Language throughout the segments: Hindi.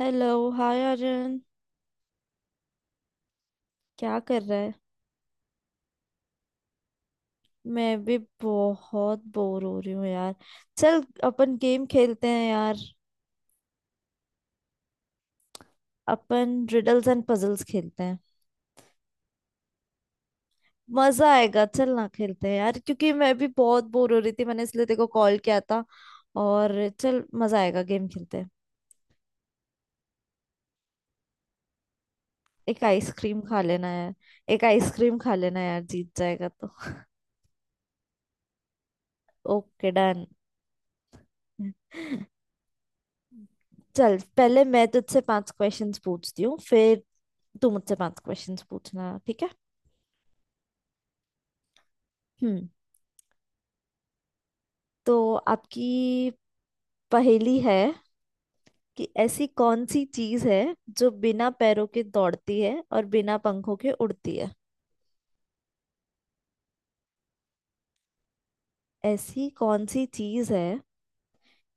हेलो। हाय अर्जुन। क्या कर रहा है। मैं भी बहुत बोर हो रही हूँ यार। चल अपन गेम खेलते हैं यार। अपन रिडल्स एंड पजल्स खेलते हैं। मजा आएगा चल ना खेलते हैं यार, क्योंकि मैं भी बहुत बोर हो रही थी मैंने इसलिए तेरे को कॉल किया था। और चल मजा आएगा गेम खेलते हैं। एक आइसक्रीम खा लेना यार। एक आइसक्रीम खा लेना यार जीत जाएगा तो। Okay done. चल पहले मैं तुझसे पांच क्वेश्चंस पूछती हूँ, फिर दो मुझसे पांच क्वेश्चंस पूछना, ठीक है। हम्म। तो आपकी पहेली है कि ऐसी कौन सी चीज है जो बिना पैरों के दौड़ती है और बिना पंखों के उड़ती है। ऐसी कौन सी चीज है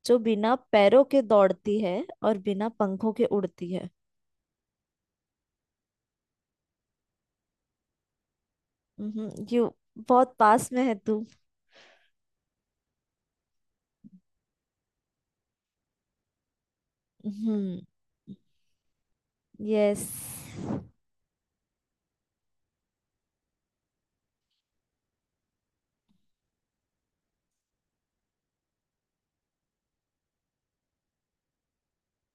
जो बिना पैरों के दौड़ती है और बिना पंखों के उड़ती है। यू, बहुत पास में है तू। हम्म। यस।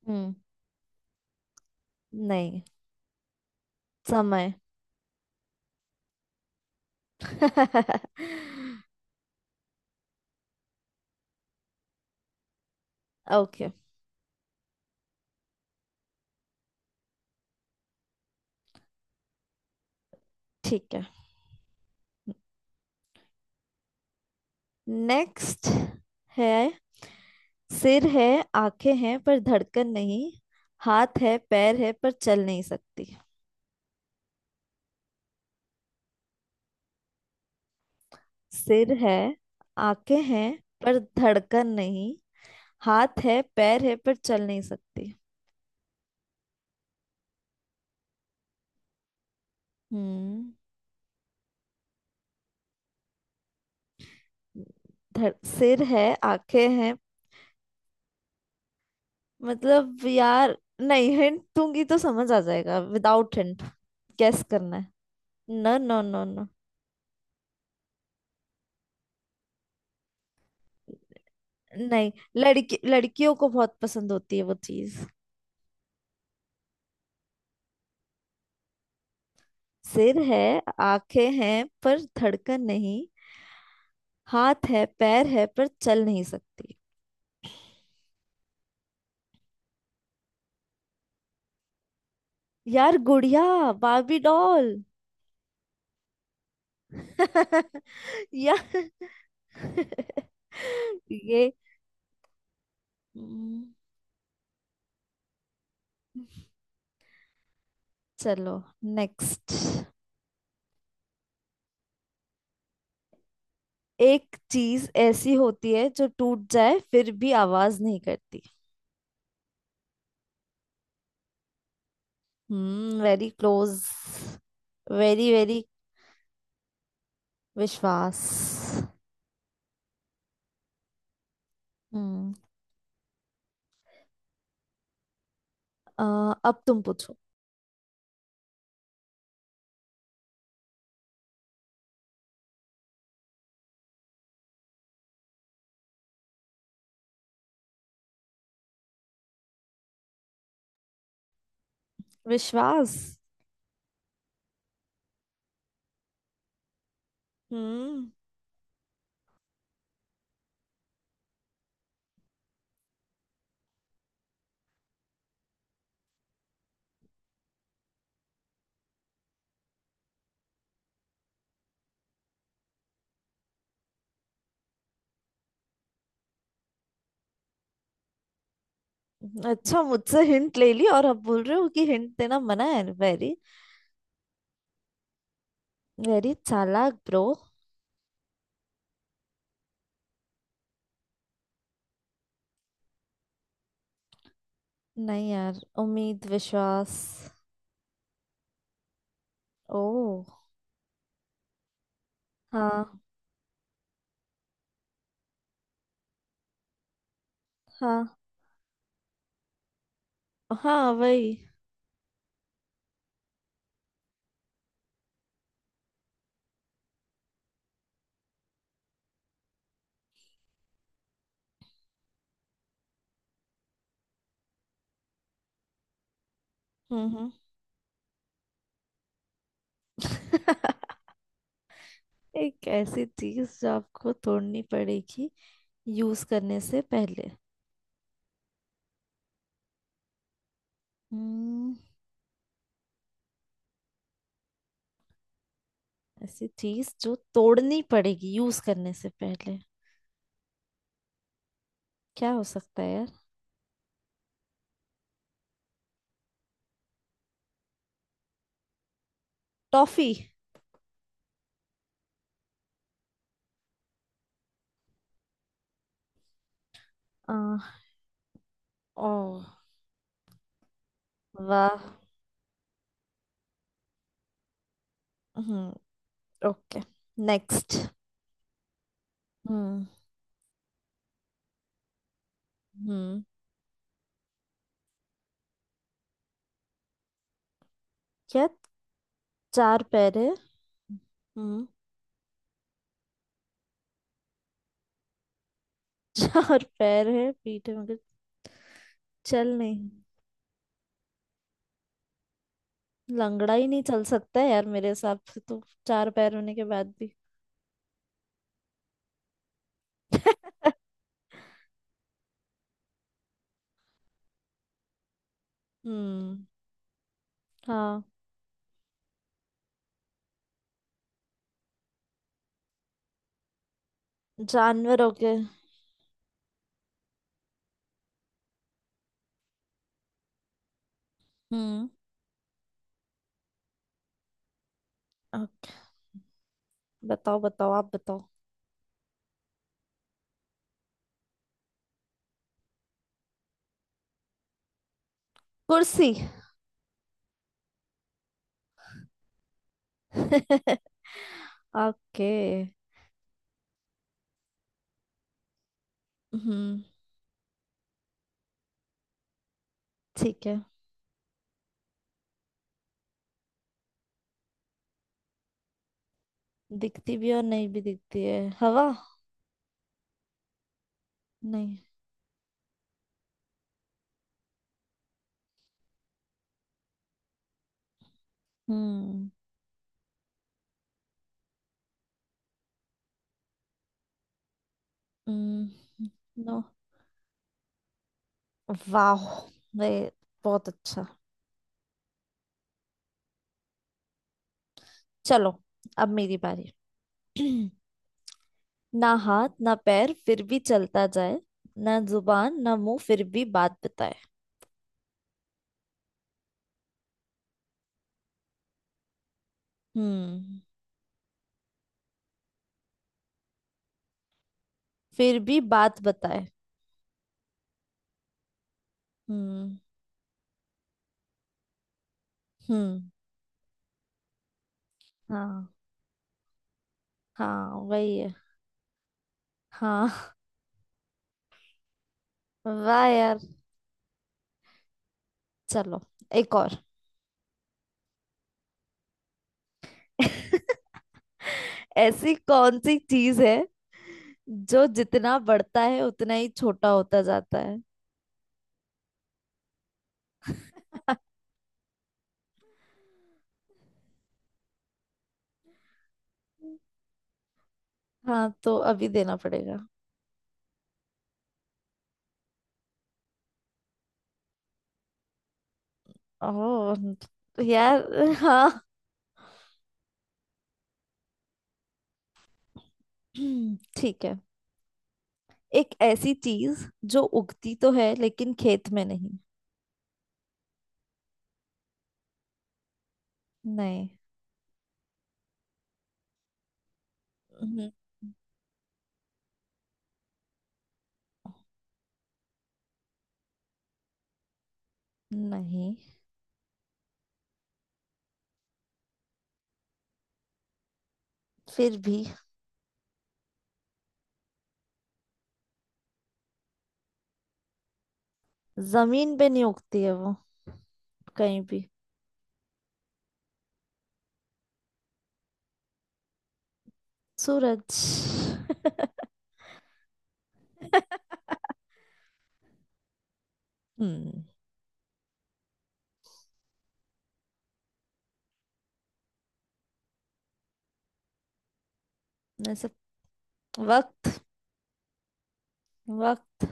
हम्म। नहीं। समय। ओके। ठीक है। नेक्स्ट है। सिर है, आंखें हैं पर धड़कन नहीं, हाथ है पैर है पर चल नहीं सकती। सिर है, आंखें हैं पर धड़कन नहीं, हाथ है पैर है पर चल नहीं सकती। हम्म धड़ सिर है आंखें हैं। मतलब यार नहीं हिंट दूंगी तो समझ आ जाएगा विदाउट हिंट। गेस करना है। No no no no. नहीं। लड़की, लड़कियों को बहुत पसंद होती है वो चीज। सिर है, आंखें हैं पर धड़कन नहीं, हाथ है पैर है पर चल नहीं सकती। यार, गुड़िया, बार्बी डॉल। या ये हम्म, चलो। नेक्स्ट। एक चीज ऐसी होती है जो टूट जाए फिर भी आवाज नहीं करती। Very close. Very very. विश्वास। हम्म। अ, अब तुम पूछो। विश्वास। हम्म। अच्छा मुझसे हिंट ले ली और अब बोल रहे हो कि हिंट देना मना है। वेरी वेरी चालाक ब्रो। नहीं यार, उम्मीद विश्वास। ओ। हाँ। हाँ हाँ वही। हम्म। एक ऐसी चीज जो आपको तोड़नी पड़ेगी यूज करने से पहले। हम्म। ऐसी चीज जो तोड़नी पड़ेगी यूज करने से पहले। क्या हो सकता है यार। टॉफी। आ, ओ। वाह। हम्म। ओके। नेक्स्ट। हम्म हम्म क्या। चार पैर है। हम्म। चार पैर है पीठ है मगर चल नहीं लंगड़ा ही नहीं चल सकता है यार मेरे हिसाब से, तो चार पैर होने के बाद भी। हम्म। हाँ। जानवरों के। हम्म। ओके। बताओ बताओ आप बताओ। कुर्सी। ओके। हम्म। ठीक है। दिखती भी और नहीं भी दिखती है, हवा। नहीं। हम्म। हम्म, नो। वाह वे, बहुत अच्छा। चलो, अब मेरी बारी। ना हाथ ना पैर फिर भी चलता जाए, ना जुबान ना मुंह फिर भी बात बताए। हम्म। फिर भी बात बताए। हम्म। हम्म। हाँ हाँ वही है। हाँ। वाह यार। चलो एक और। ऐसी कौन सी चीज है जो जितना बढ़ता है उतना ही छोटा होता जाता है। हाँ तो अभी देना पड़ेगा। ओह यार। हाँ। ठीक है। एक ऐसी चीज जो उगती तो है लेकिन खेत में नहीं। नहीं। हम्म, नहीं। फिर भी जमीन पे नहीं उगती है वो, कहीं भी। सूरज। हम्म। ऐसे, वक्त। वक्त।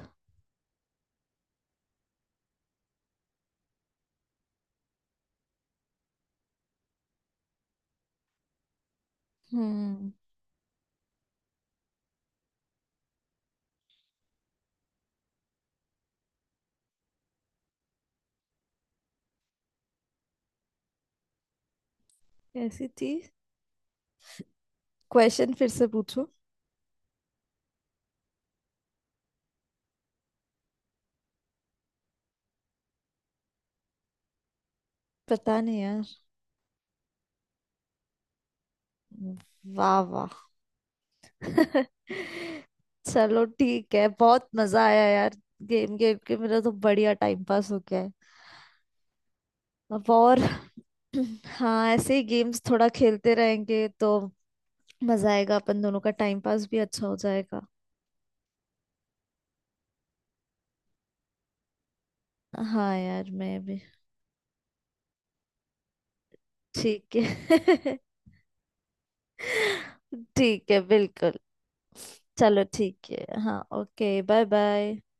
हम्म। ऐसी चीज। क्वेश्चन फिर से पूछो। पता नहीं यार। वाह वाह। चलो ठीक है, बहुत मजा आया यार। गेम खेल के मेरा तो बढ़िया टाइम पास हो गया है। अब और हाँ ऐसे ही गेम्स थोड़ा खेलते रहेंगे तो मजा आएगा, अपन दोनों का टाइम पास भी अच्छा हो जाएगा। हाँ यार मैं भी। ठीक है। ठीक है बिल्कुल। चलो ठीक है, हाँ ओके। Bye bye.